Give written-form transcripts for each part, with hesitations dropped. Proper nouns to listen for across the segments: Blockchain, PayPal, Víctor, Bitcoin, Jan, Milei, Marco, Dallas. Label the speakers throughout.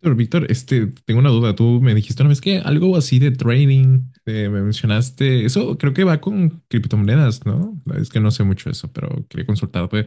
Speaker 1: Pero Víctor, tengo una duda. Tú me dijiste una vez que algo así de trading, me mencionaste. Eso creo que va con criptomonedas, ¿no? Es que no sé mucho eso, pero quería consultarte.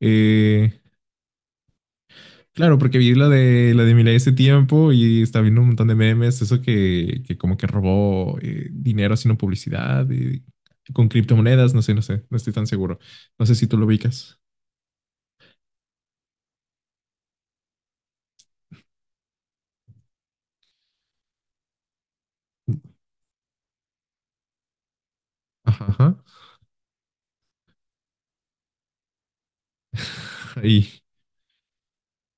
Speaker 1: Eh, claro, porque vi la de Milei ese tiempo y estaba viendo un montón de memes, eso que como que robó dinero haciendo publicidad con criptomonedas, no sé, no estoy tan seguro. No sé si tú lo ubicas. Ajá, ajá. Ahí,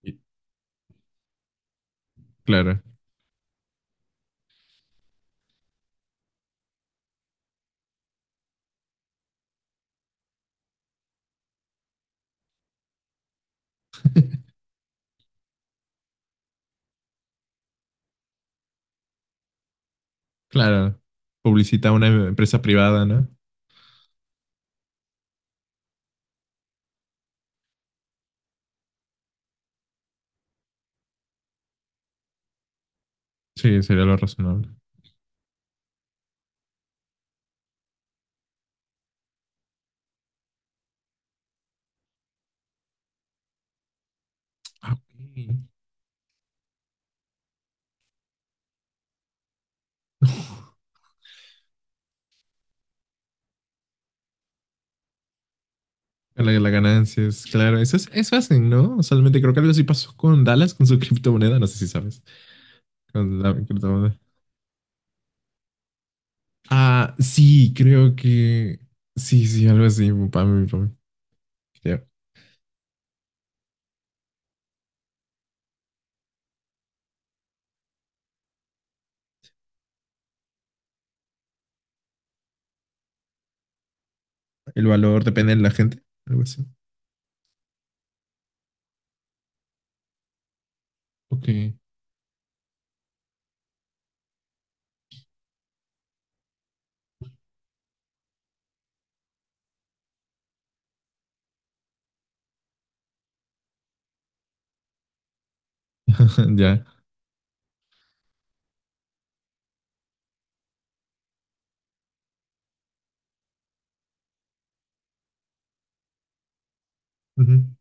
Speaker 1: y- claro, claro. Publicita una empresa privada, ¿no? Sí, sería lo razonable. Ah, ok. La ganancia es, claro, es, eso hacen, ¿no? Usualmente creo que algo así pasó con Dallas, con su criptomoneda, no sé si sabes, con la criptomoneda. Ah, sí, creo que, sí, sí, algo así, para mí. Ya. El valor depende de la gente, algo así. Ok, ya. Ujú.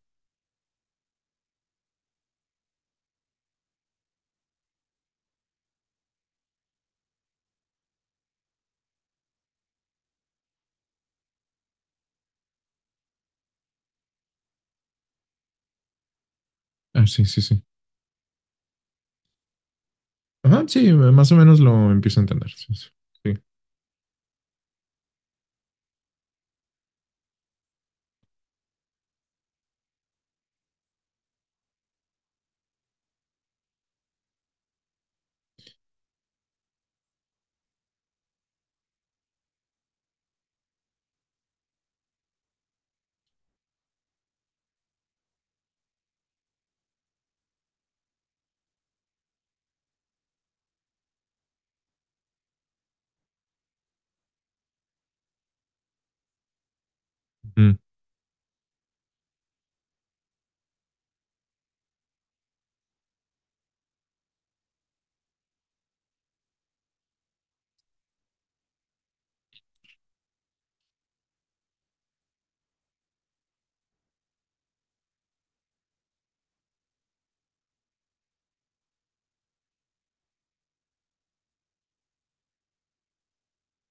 Speaker 1: Ah, sí, sí, sí. Ajá, sí, más o menos lo empiezo a entender. Sí, sí. Sí, ujú.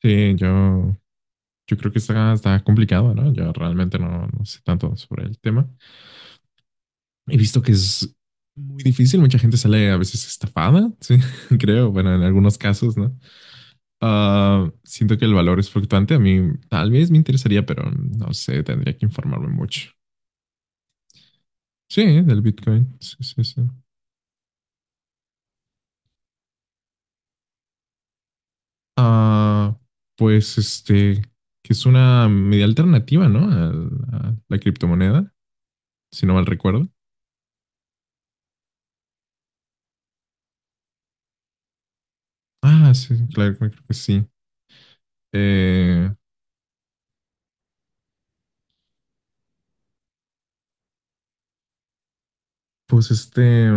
Speaker 1: Sí, yo creo que está, está complicado, ¿no? Yo realmente no, no sé tanto sobre el tema. He visto que es muy difícil, mucha gente sale a veces estafada, sí, creo, bueno, en algunos casos, ¿no? Ah, siento que el valor es fluctuante, a mí tal vez me interesaría, pero no sé, tendría que informarme mucho. Sí, ¿eh? Del Bitcoin, sí, sí, sí. Ah, pues que es una media alternativa, ¿no? A la criptomoneda, si no mal recuerdo. Ah, sí, claro, creo que sí. Eh, pues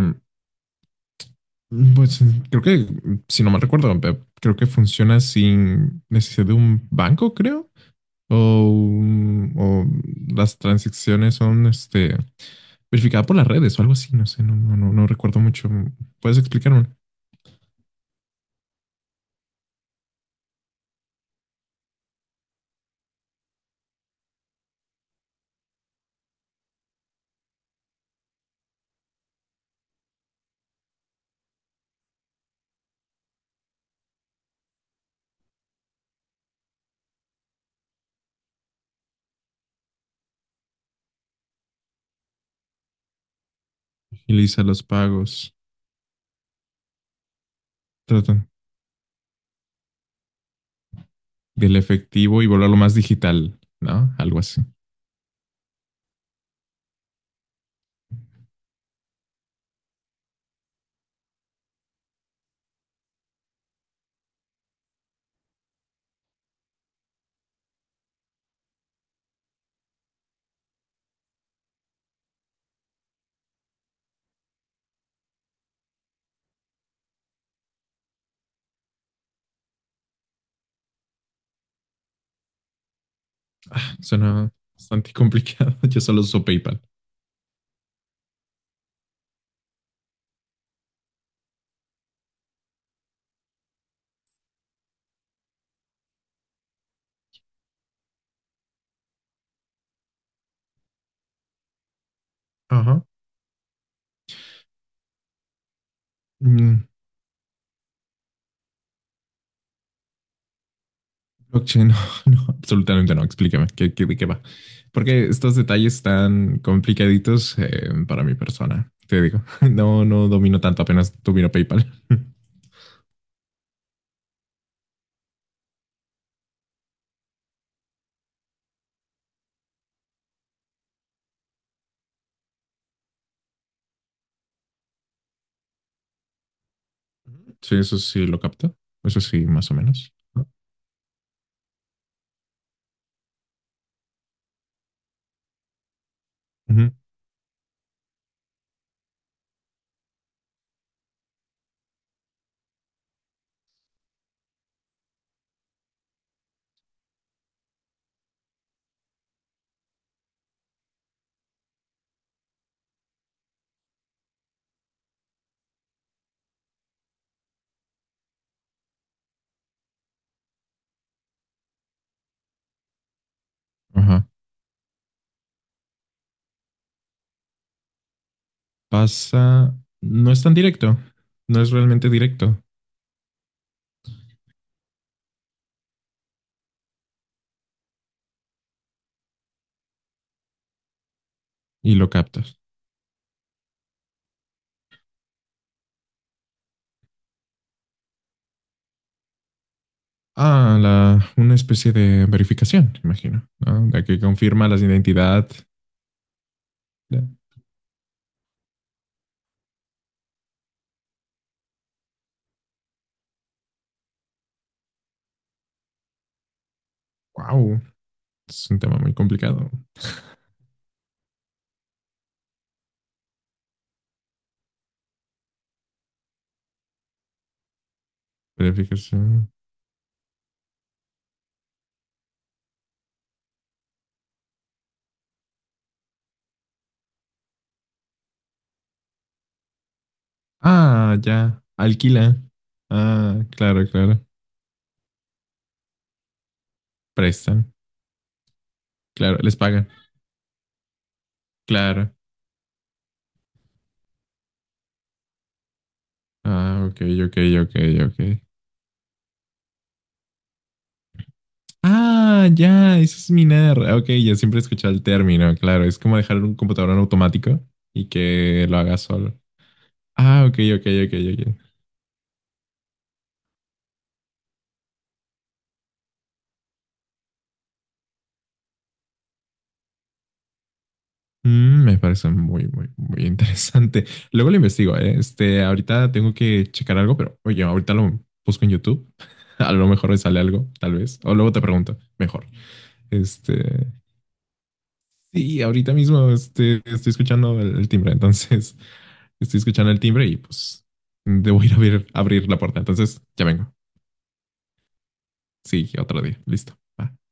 Speaker 1: pues creo que, si no mal recuerdo, creo que funciona sin necesidad de un banco, creo. O las transacciones son verificadas por las redes o algo así, no sé, no recuerdo mucho. ¿Puedes explicarme? Agiliza los pagos, tratan del efectivo y volverlo más digital, ¿no? Algo así. Suena bastante complicado. Yo solo uso PayPal. Ajá. Mm, blockchain, no, no, absolutamente no. Explícame, ¿de qué va? Porque estos detalles están complicaditos para mi persona, te digo. No, no domino tanto, apenas domino PayPal. Sí, eso sí lo capto. Eso sí, más o menos. Ujú. Ajá. Pasa, no es tan directo, no es realmente directo y lo captas. Ah, una especie de verificación, imagino, ¿no? La que confirma la identidad. Wow, es un tema muy complicado. Verificación. Ah, ya. Alquila. Ah, claro, claro. Prestan. Claro, les pagan. Claro. Ah, ok, ok, ok, ok. Ah, ya, eso es minar. Ah, ok, ya siempre he escuchado el término, claro. Es como dejar un computador en automático y que lo haga solo. Ah, ok, ok, ok, ok. Mm, me parece muy interesante. Luego lo investigo, ¿eh? Ahorita tengo que checar algo, pero oye, ahorita lo busco en YouTube. A lo mejor me sale algo, tal vez. O luego te pregunto, mejor. Este, sí, ahorita mismo estoy escuchando el timbre, entonces estoy escuchando el timbre y pues debo ir a abrir, abrir la puerta. Entonces ya vengo. Sí, otro día. Listo. Va.